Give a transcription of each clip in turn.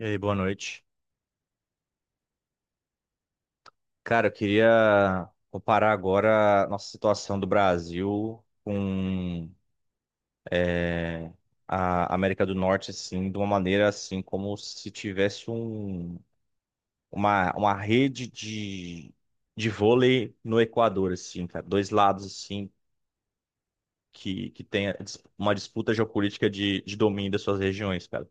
E aí, boa noite. Cara, eu queria comparar agora a nossa situação do Brasil com é, a América do Norte, assim, de uma maneira assim, como se tivesse um, uma rede de vôlei no Equador, assim, cara. Dois lados, assim, que tem a uma disputa geopolítica de domínio das suas regiões, cara.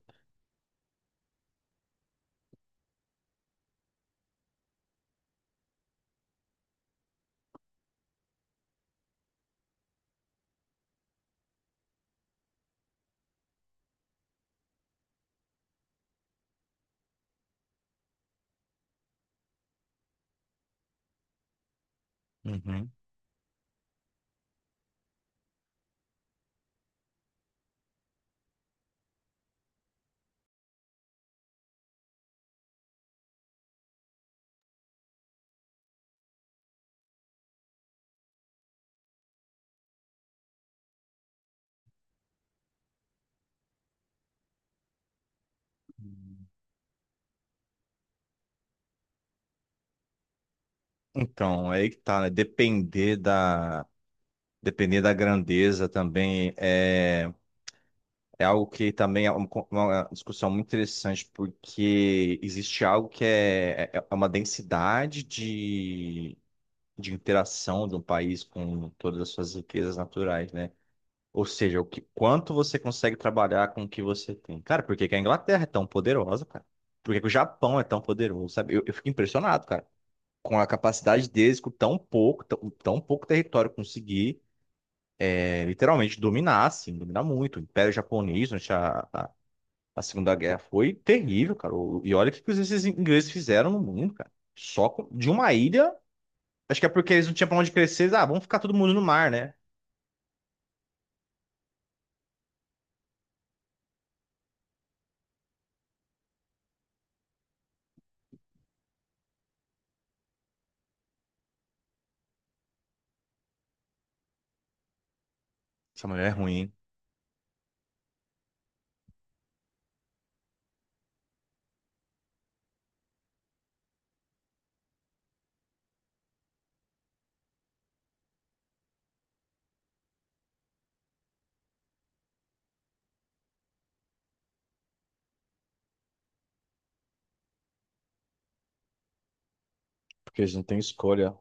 Uhum. Então, é aí que tá, né? Depender da grandeza também é algo que também é uma discussão muito interessante, porque existe algo que é uma densidade de interação de um país com todas as suas riquezas naturais, né? Ou seja, quanto você consegue trabalhar com o que você tem. Cara, por que que a Inglaterra é tão poderosa, cara? Por que que o Japão é tão poderoso, sabe? Eu fico impressionado, cara, com a capacidade deles, com tão pouco, tão pouco território conseguir literalmente dominar, assim, dominar muito. O Império Japonês, durante a Segunda Guerra, foi terrível, cara. E olha o que que esses ingleses fizeram no mundo, cara. De uma ilha, acho que é porque eles não tinham pra onde crescer. Eles, ah, vamos ficar todo mundo no mar, né? Essa mulher é ruim, hein? Porque eles não têm escolha.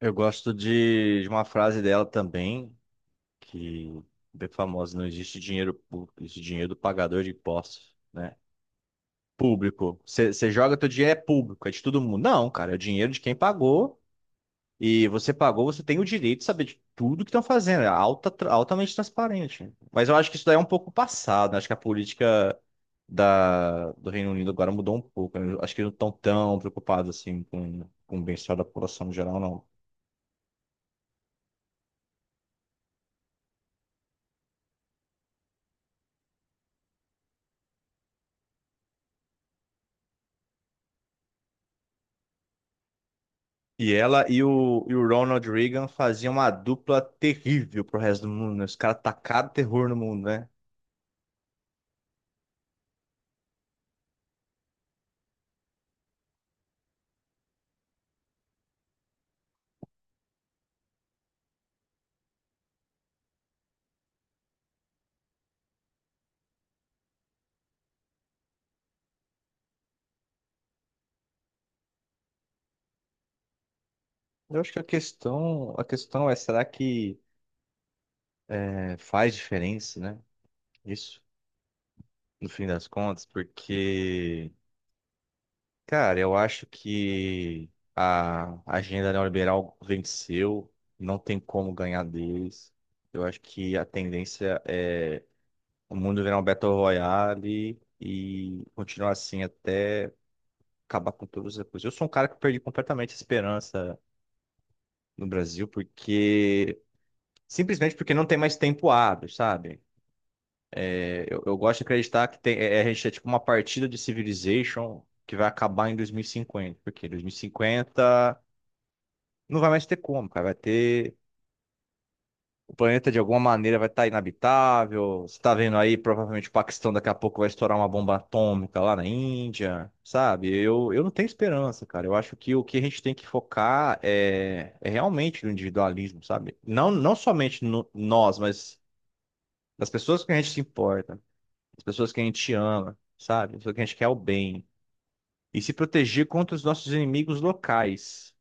Eu gosto de uma frase dela também, que é bem famosa, não existe dinheiro público, existe dinheiro do pagador de impostos, né? Público. Você joga teu dinheiro é público, é de todo mundo. Não, cara, é o dinheiro de quem pagou. E você pagou, você tem o direito de saber de tudo que estão fazendo. É altamente transparente. Mas eu acho que isso daí é um pouco passado, né? Acho que a política do Reino Unido agora mudou um pouco, né? Eu acho que eles não estão tão preocupados assim com o bem-estar da população no geral, não. E ela e e o Ronald Reagan faziam uma dupla terrível pro resto do mundo, né? Os caras tacaram terror no mundo, né? Eu acho que a questão é, será que faz diferença, né? Isso, no fim das contas, porque cara, eu acho que a agenda neoliberal venceu, não tem como ganhar deles. Eu acho que a tendência é o mundo virar um Battle Royale e continuar assim até acabar com todas as coisas. Eu sou um cara que perdi completamente a esperança no Brasil, porque simplesmente porque não tem mais tempo hábil, sabe? Eu gosto de acreditar que tem, a gente é tipo uma partida de Civilization que vai acabar em 2050, porque 2050. Não vai mais ter como, cara. Vai ter. O planeta de alguma maneira vai estar inabitável. Você tá vendo aí, provavelmente o Paquistão daqui a pouco vai estourar uma bomba atômica lá na Índia, sabe? Eu não tenho esperança, cara. Eu acho que o que a gente tem que focar é realmente no individualismo, sabe? Não, não somente no, nós, mas das pessoas que a gente se importa, das pessoas que a gente ama, sabe? Das pessoas que a gente quer o bem. E se proteger contra os nossos inimigos locais.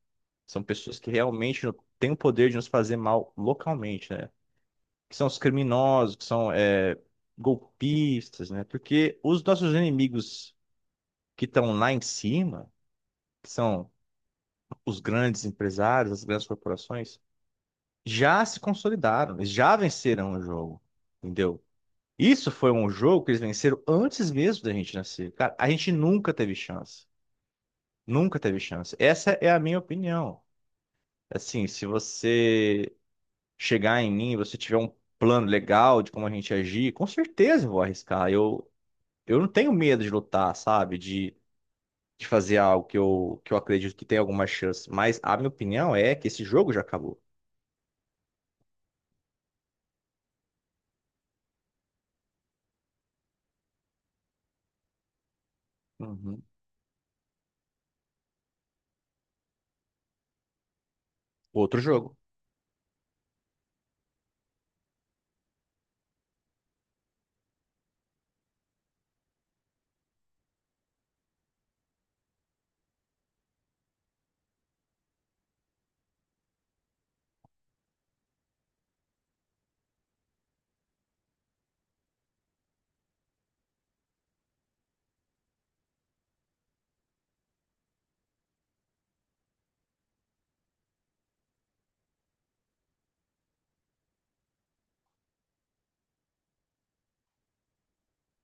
São pessoas que realmente têm o poder de nos fazer mal localmente, né? Que são os criminosos, que são golpistas, né? Porque os nossos inimigos que estão lá em cima, que são os grandes empresários, as grandes corporações, já se consolidaram, eles já venceram o jogo, entendeu? Isso foi um jogo que eles venceram antes mesmo da gente nascer. Cara, a gente nunca teve chance. Nunca teve chance. Essa é a minha opinião. Assim, se você chegar em mim, você tiver um plano legal de como a gente agir, com certeza eu vou arriscar. Eu não tenho medo de lutar, sabe? De fazer algo que que eu acredito que tem alguma chance. Mas a minha opinião é que esse jogo já acabou. Uhum. Outro jogo.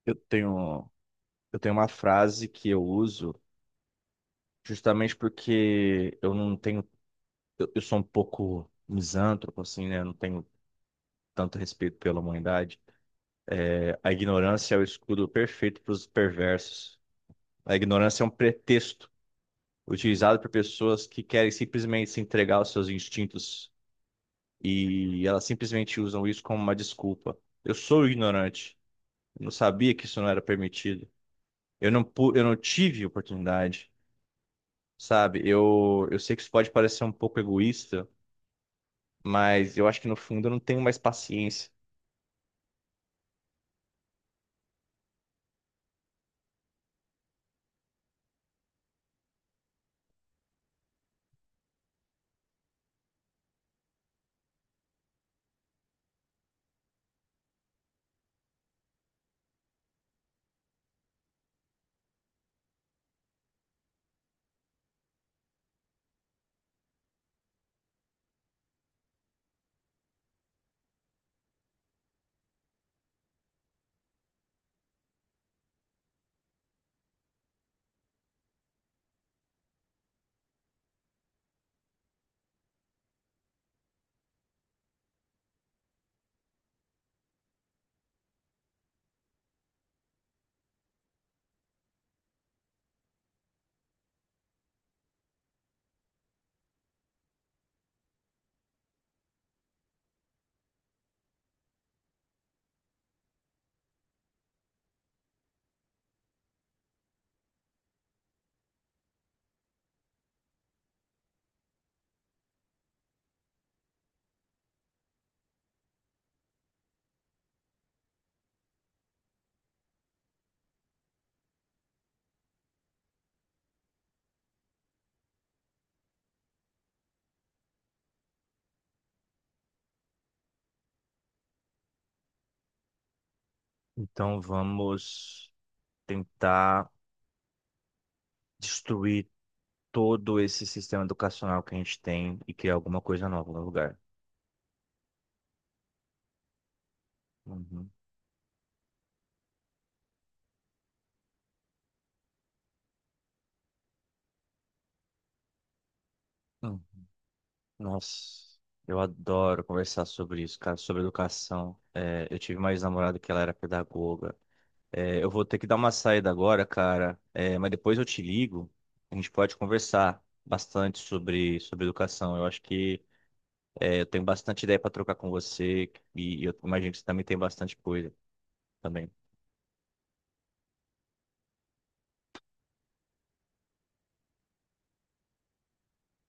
Eu tenho, eu tenho uma frase que eu uso justamente porque eu não tenho. Eu sou um pouco misântropo, assim, né? Eu não tenho tanto respeito pela humanidade. A ignorância é o escudo perfeito para os perversos. A ignorância é um pretexto utilizado por pessoas que querem simplesmente se entregar aos seus instintos e elas simplesmente usam isso como uma desculpa. Eu sou ignorante, eu não sabia que isso não era permitido. Eu não tive oportunidade, sabe? Eu sei que isso pode parecer um pouco egoísta, mas eu acho que no fundo eu não tenho mais paciência. Então vamos tentar destruir todo esse sistema educacional que a gente tem e criar alguma coisa nova no lugar. Uhum. Nossa, eu adoro conversar sobre isso, cara, sobre educação. É, eu tive uma ex-namorada que ela era pedagoga. É, eu vou ter que dar uma saída agora, cara, é, mas depois eu te ligo. A gente pode conversar bastante sobre, sobre educação. Eu acho que é, eu tenho bastante ideia para trocar com você e, eu imagino que você também tem bastante coisa também.